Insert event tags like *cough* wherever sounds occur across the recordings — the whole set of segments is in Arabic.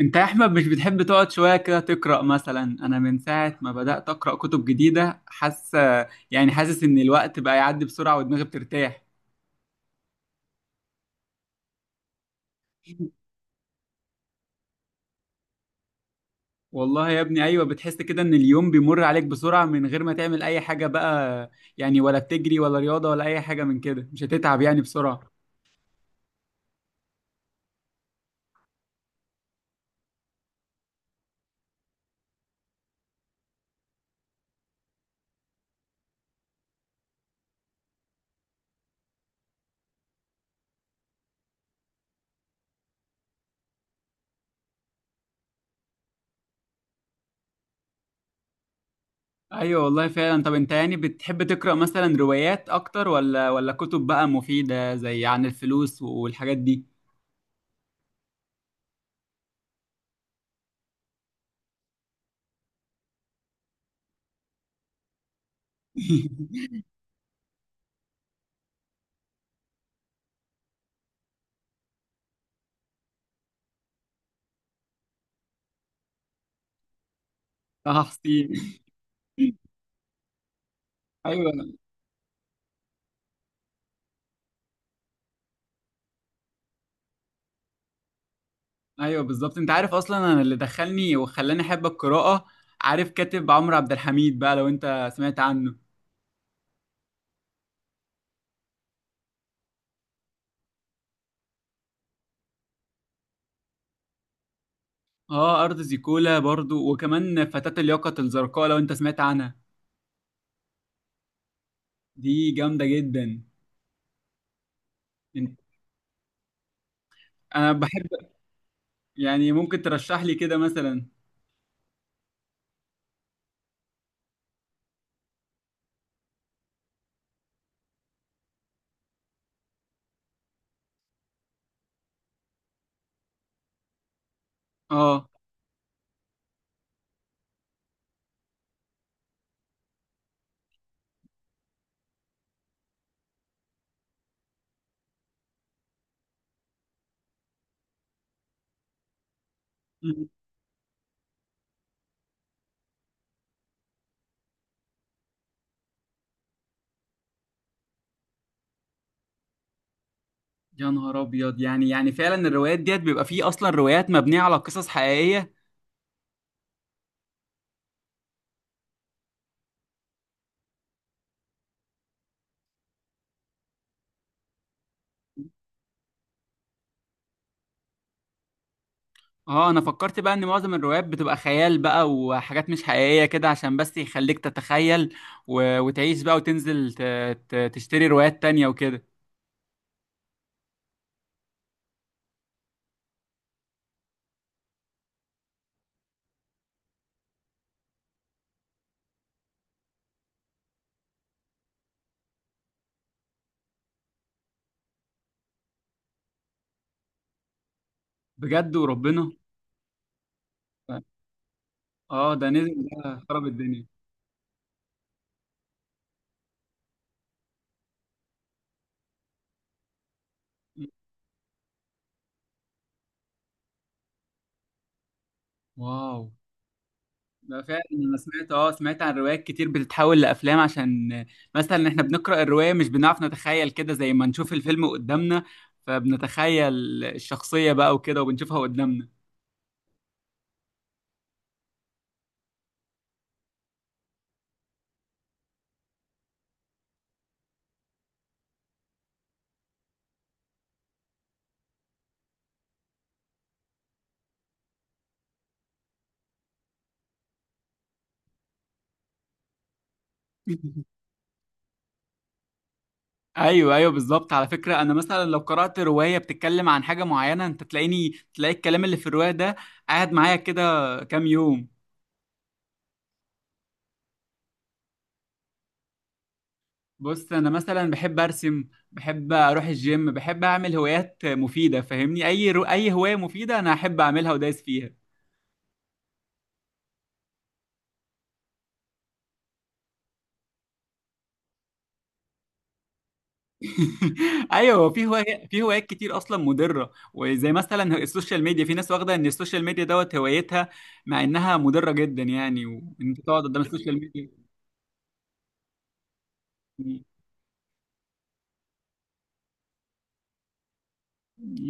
انت يا احمد مش بتحب تقعد شويه كده تقرا؟ مثلا انا من ساعه ما بدات اقرا كتب جديده، حاسس ان الوقت بقى يعدي بسرعه ودماغي بترتاح. والله يا ابني، ايوه، بتحس كده ان اليوم بيمر عليك بسرعه من غير ما تعمل اي حاجه بقى. يعني ولا بتجري ولا رياضه ولا اي حاجه من كده، مش هتتعب يعني بسرعه. ايوه والله فعلا. طب انت يعني بتحب تقرا مثلا روايات اكتر ولا كتب بقى مفيده، زي عن الفلوس والحاجات دي؟ *laughs* اه حسين. ايوه ايوه بالظبط، انت عارف اصلا انا اللي دخلني وخلاني احب القراءه؟ عارف كاتب عمرو عبد الحميد بقى، لو انت سمعت عنه. اه، ارض زيكولا برضو، وكمان فتاة اليقظة الزرقاء لو انت سمعت عنها. دي جامده جدا. انت- انا بحب. يعني ممكن ترشح لي كده مثلا؟ اه. يا نهار ابيض. يعني فعلا الروايات ديت بيبقى فيه اصلا روايات مبنيه على قصص حقيقيه؟ اه، انا فكرت بقى ان معظم الروايات بتبقى خيال بقى وحاجات مش حقيقية كده، عشان بس يخليك تتخيل وتعيش بقى، وتنزل تشتري روايات تانية وكده. بجد وربنا؟ اه، ده نزل، ده خرب الدنيا. واو. ده فعلا، انا سمعت عن روايات كتير بتتحول لافلام، عشان مثلا احنا بنقرا الروايه مش بنعرف نتخيل كده زي ما نشوف الفيلم قدامنا، فبنتخيل الشخصيه بقى وكده وبنشوفها قدامنا. *laughs* ايوه ايوه بالظبط. على فكره، انا مثلا لو قرات روايه بتتكلم عن حاجه معينه، انت تلاقيني تلاقي الكلام اللي في الروايه ده قاعد معايا كده كام يوم. بص، انا مثلا بحب ارسم، بحب اروح الجيم، بحب اعمل هوايات مفيده، فاهمني؟ اي هوايه مفيده انا احب اعملها ودايس فيها. *laughs* ايوه، في هوايات كتير اصلا مضره، وزي مثلا السوشيال ميديا، في ناس واخده ان السوشيال ميديا دوت هوايتها، مع انها مضره جدا يعني، وانت تقعد قدام السوشيال ميديا.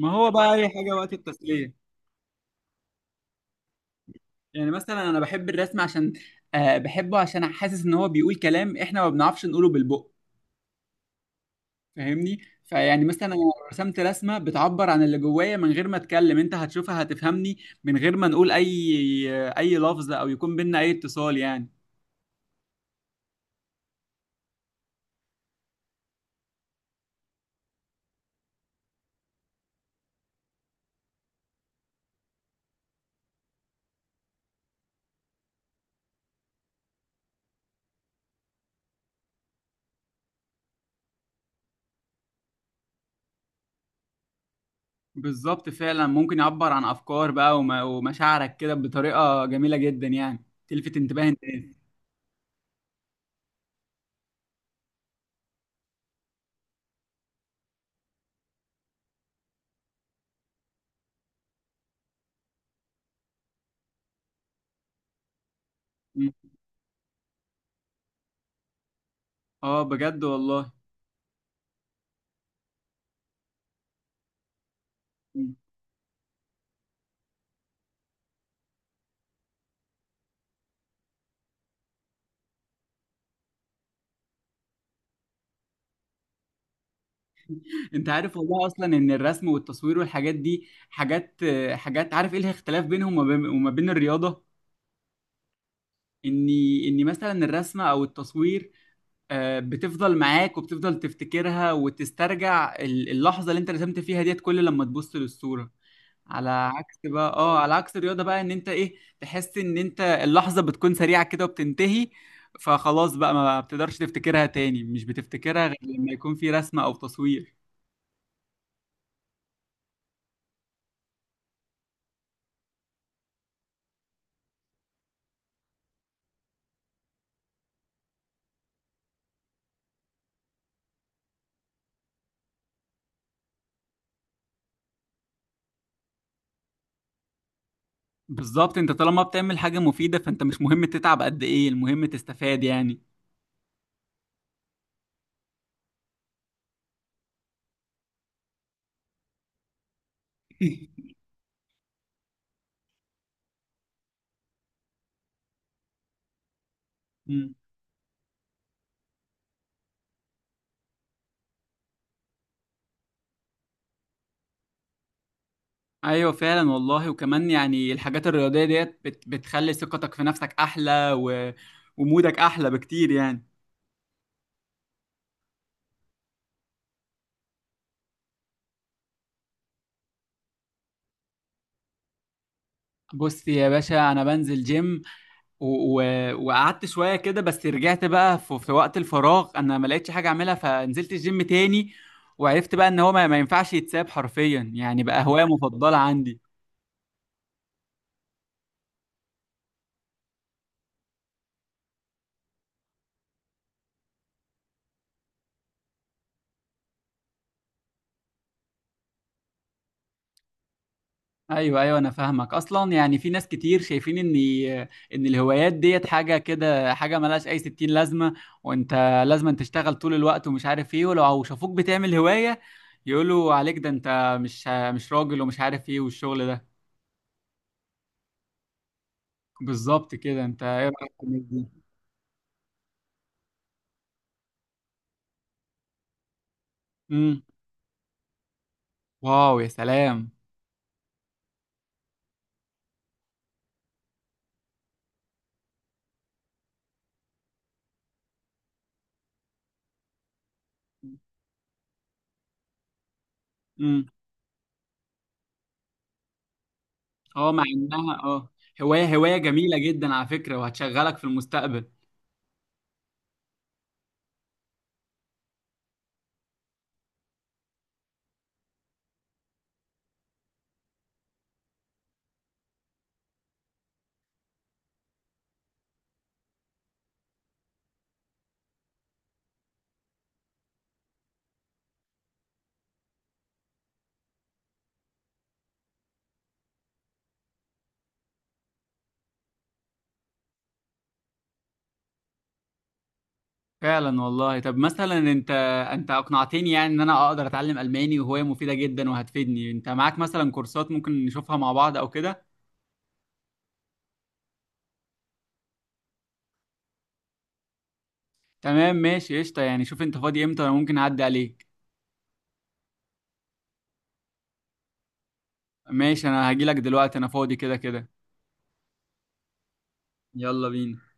ما هو بقى اي حاجه وقت التسليه. يعني مثلا انا بحب الرسم، عشان بحبه عشان حاسس ان هو بيقول كلام احنا ما بنعرفش نقوله بالبق، فاهمني؟ فيعني مثلا انا لو رسمت رسمه بتعبر عن اللي جوايا من غير ما اتكلم، انت هتشوفها هتفهمني من غير ما نقول اي لفظ، او يكون بينا اي اتصال يعني. بالظبط، فعلا ممكن يعبر عن افكار بقى ومشاعرك كده بطريقه جميله جدا يعني، تلفت انتباه الناس. م. اه بجد والله. انت عارف والله اصلا ان الرسم والتصوير والحاجات دي حاجات عارف ايه الاختلاف بينهم، وما بين الرياضه؟ اني مثلا الرسمه او التصوير، بتفضل معاك وبتفضل تفتكرها وتسترجع اللحظه اللي انت رسمت فيها ديت كل لما تبص للصوره، على عكس الرياضه بقى، ان انت ايه، تحس ان انت اللحظه بتكون سريعه كده وبتنتهي، فخلاص بقى ما بتقدرش تفتكرها تاني، مش بتفتكرها غير لما يكون في رسمه او تصوير. بالظبط، انت طالما بتعمل حاجة مفيدة، فانت مش مهم تتعب قد ايه، المهم تستفاد يعني. *laughs* مم. ايوه فعلا والله، وكمان يعني الحاجات الرياضية ديت، بتخلي ثقتك في نفسك احلى، ومودك احلى بكتير يعني. بص يا باشا، انا بنزل جيم، و... و... وقعدت شوية كده، بس رجعت بقى في وقت الفراغ انا ما لقيتش حاجة اعملها، فنزلت الجيم تاني، وعرفت بقى ان هو ما ينفعش يتساب، حرفيا يعني بقى هواية مفضلة عندي. ايوه ايوه انا فاهمك اصلا. يعني في ناس كتير شايفين ان الهوايات ديت حاجه كده، حاجه ملهاش اي ستين لازمه، وانت لازم أن تشتغل طول الوقت ومش عارف ايه، ولو شافوك بتعمل هوايه يقولوا عليك ده انت مش راجل ومش عارف ايه والشغل ده. بالظبط كده. انت ايه رايك في الناس دي؟ امم. واو يا سلام. امم. اه. مع انها هوايه جميله جدا على فكره، وهتشغلك في المستقبل. فعلا والله. طب مثلا انت اقنعتني يعني ان انا اقدر اتعلم الماني، وهواية مفيدة جدا وهتفيدني. انت معاك مثلا كورسات ممكن نشوفها مع بعض او كده؟ تمام، ماشي، قشطة يعني. شوف انت فاضي امتى انا ممكن اعدي عليك؟ ماشي، انا هجيلك دلوقتي انا فاضي كده كده. يلا بينا.